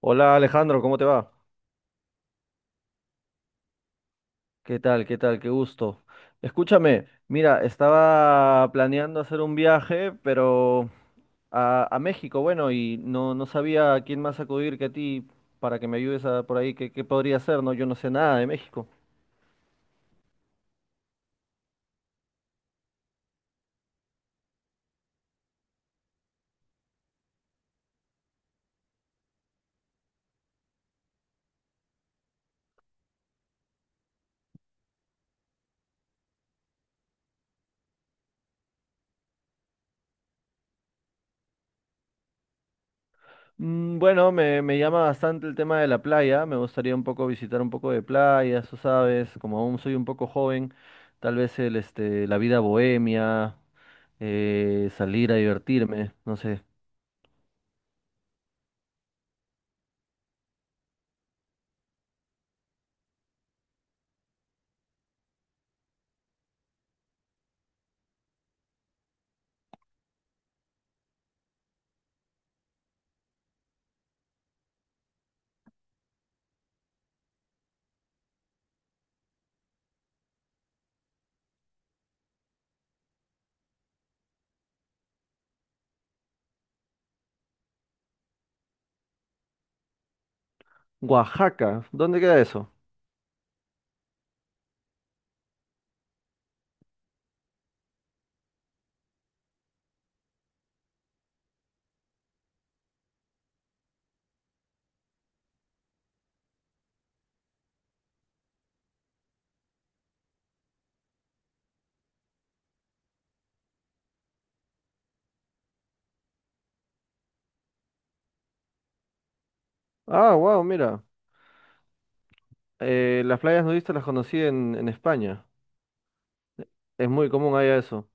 Hola Alejandro, ¿cómo te va? ¿Qué tal? ¿Qué tal? Qué gusto. Escúchame, mira, estaba planeando hacer un viaje, pero a México, bueno, y no, no sabía a quién más acudir que a ti para que me ayudes, a, por ahí, qué podría hacer, ¿no? Yo no sé nada de México. Mm, bueno, me llama bastante el tema de la playa, me gustaría un poco visitar un poco de playa, tú sabes, como aún soy un poco joven, tal vez la vida bohemia, salir a divertirme, no sé. Oaxaca, ¿dónde queda eso? Ah, wow, mira. Eh, las playas nudistas las conocí en España. Es muy común allá eso.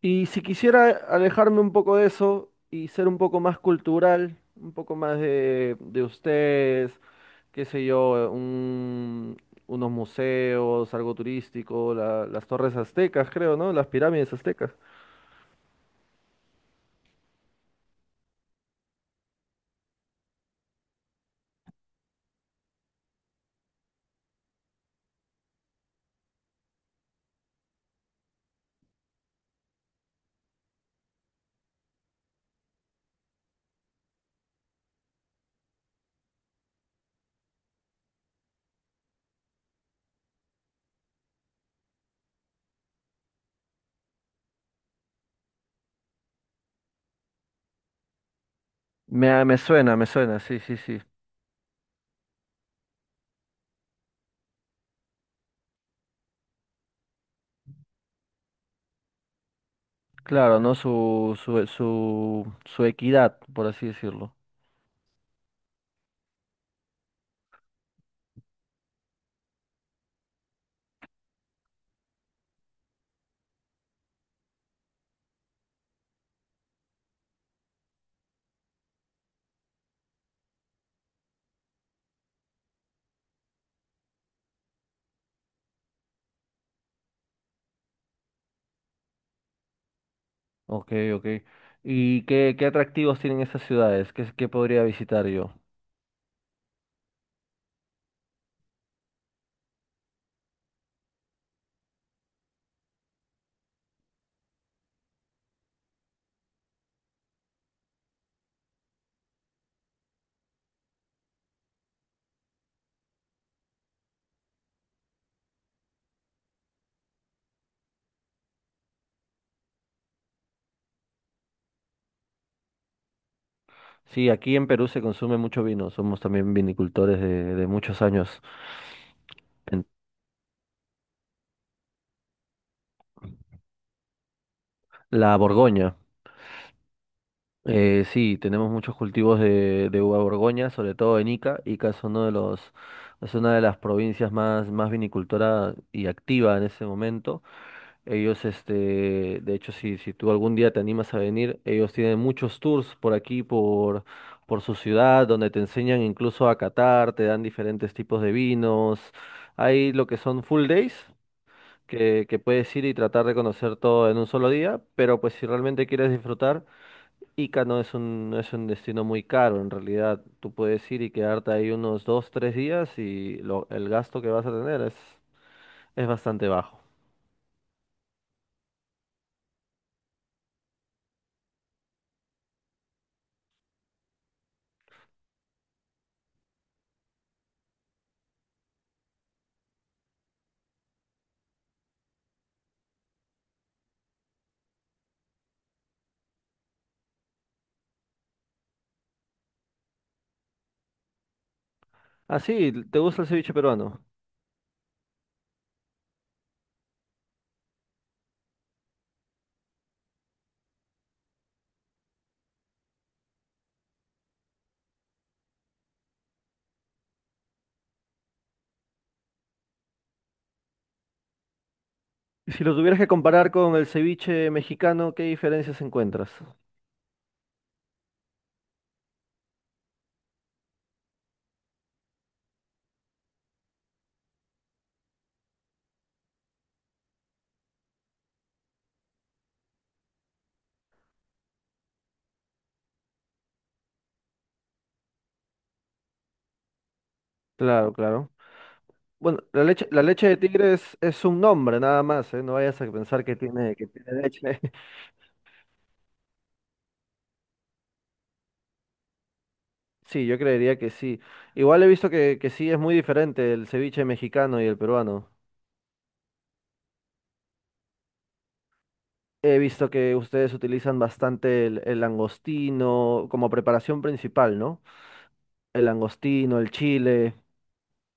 Y si quisiera alejarme un poco de eso y ser un poco más cultural, un poco más de ustedes, qué sé yo, unos museos, algo turístico, las torres aztecas, creo, ¿no? Las pirámides aztecas. Me suena, me suena, sí, sí, sí. Claro, ¿no? Su equidad, por así decirlo. Ok, ok. ¿Y qué atractivos tienen esas ciudades? ¿Qué podría visitar yo? Sí, aquí en Perú se consume mucho vino. Somos también vinicultores de muchos años. En la Borgoña. Sí, tenemos muchos cultivos de uva Borgoña, sobre todo en Ica. Ica es uno de los, es una de las provincias más, más vinicultora y activa en ese momento. Ellos, este, de hecho, si tú algún día te animas a venir, ellos tienen muchos tours por aquí, por su ciudad, donde te enseñan incluso a catar, te dan diferentes tipos de vinos. Hay lo que son full days, que puedes ir y tratar de conocer todo en un solo día, pero pues si realmente quieres disfrutar, Ica no es un, no es un destino muy caro, en realidad. Tú puedes ir y quedarte ahí unos dos, tres días y el gasto que vas a tener es bastante bajo. Ah, sí, ¿te gusta el ceviche peruano? Y si lo tuvieras que comparar con el ceviche mexicano, ¿qué diferencias encuentras? Claro, claro. Bueno, la leche de tigre es un nombre nada más, ¿eh? No vayas a pensar que tiene leche. Sí, yo creería que sí. Igual he visto que sí es muy diferente el ceviche mexicano y el peruano. He visto que ustedes utilizan bastante el langostino como preparación principal, ¿no? El langostino, el chile.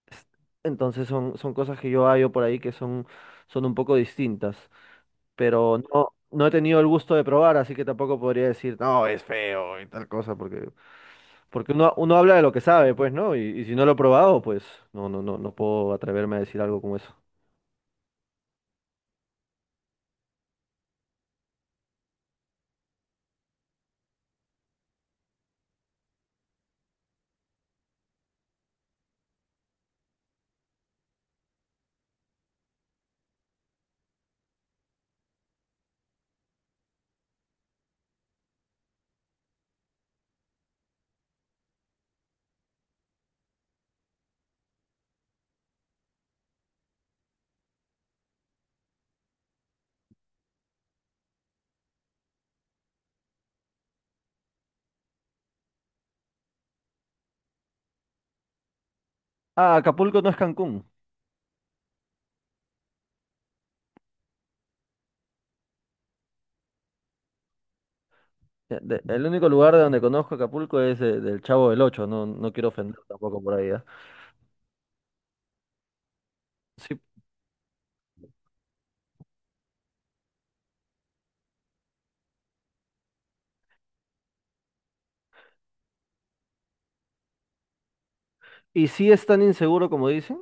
es- Entonces son, son cosas que yo hallo por ahí que son, son un poco distintas. Pero no, no he tenido el gusto de probar, así que tampoco podría decir, no, es feo y tal cosa, porque, porque uno, uno habla de lo que sabe, pues, ¿no? Y si no lo he probado, pues no, no, no, no puedo atreverme a decir algo como eso. Ah, Acapulco no es Cancún. El único lugar de donde conozco Acapulco es, del Chavo del Ocho, no, no quiero ofender tampoco por ahí, ¿ah? Sí. ¿Y si es tan inseguro como dicen?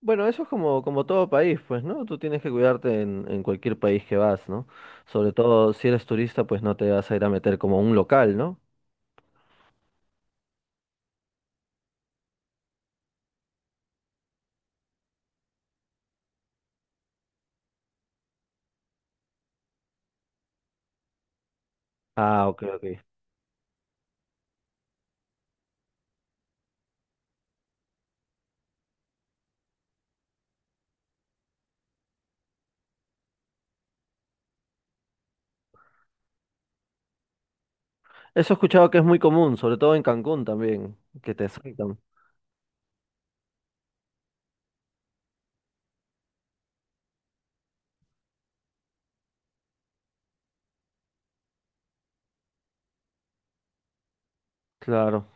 Bueno, eso es como, como todo país, pues, ¿no? Tú tienes que cuidarte en cualquier país que vas, ¿no? Sobre todo si eres turista, pues no te vas a ir a meter como a un local, ¿no? Ah, ok, ok. Eso he escuchado que es muy común, sobre todo en Cancún también, que te saltan. Claro,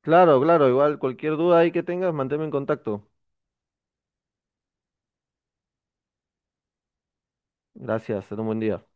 claro, claro. Igual cualquier duda ahí que tengas, manténme en contacto. Gracias, ten un buen día.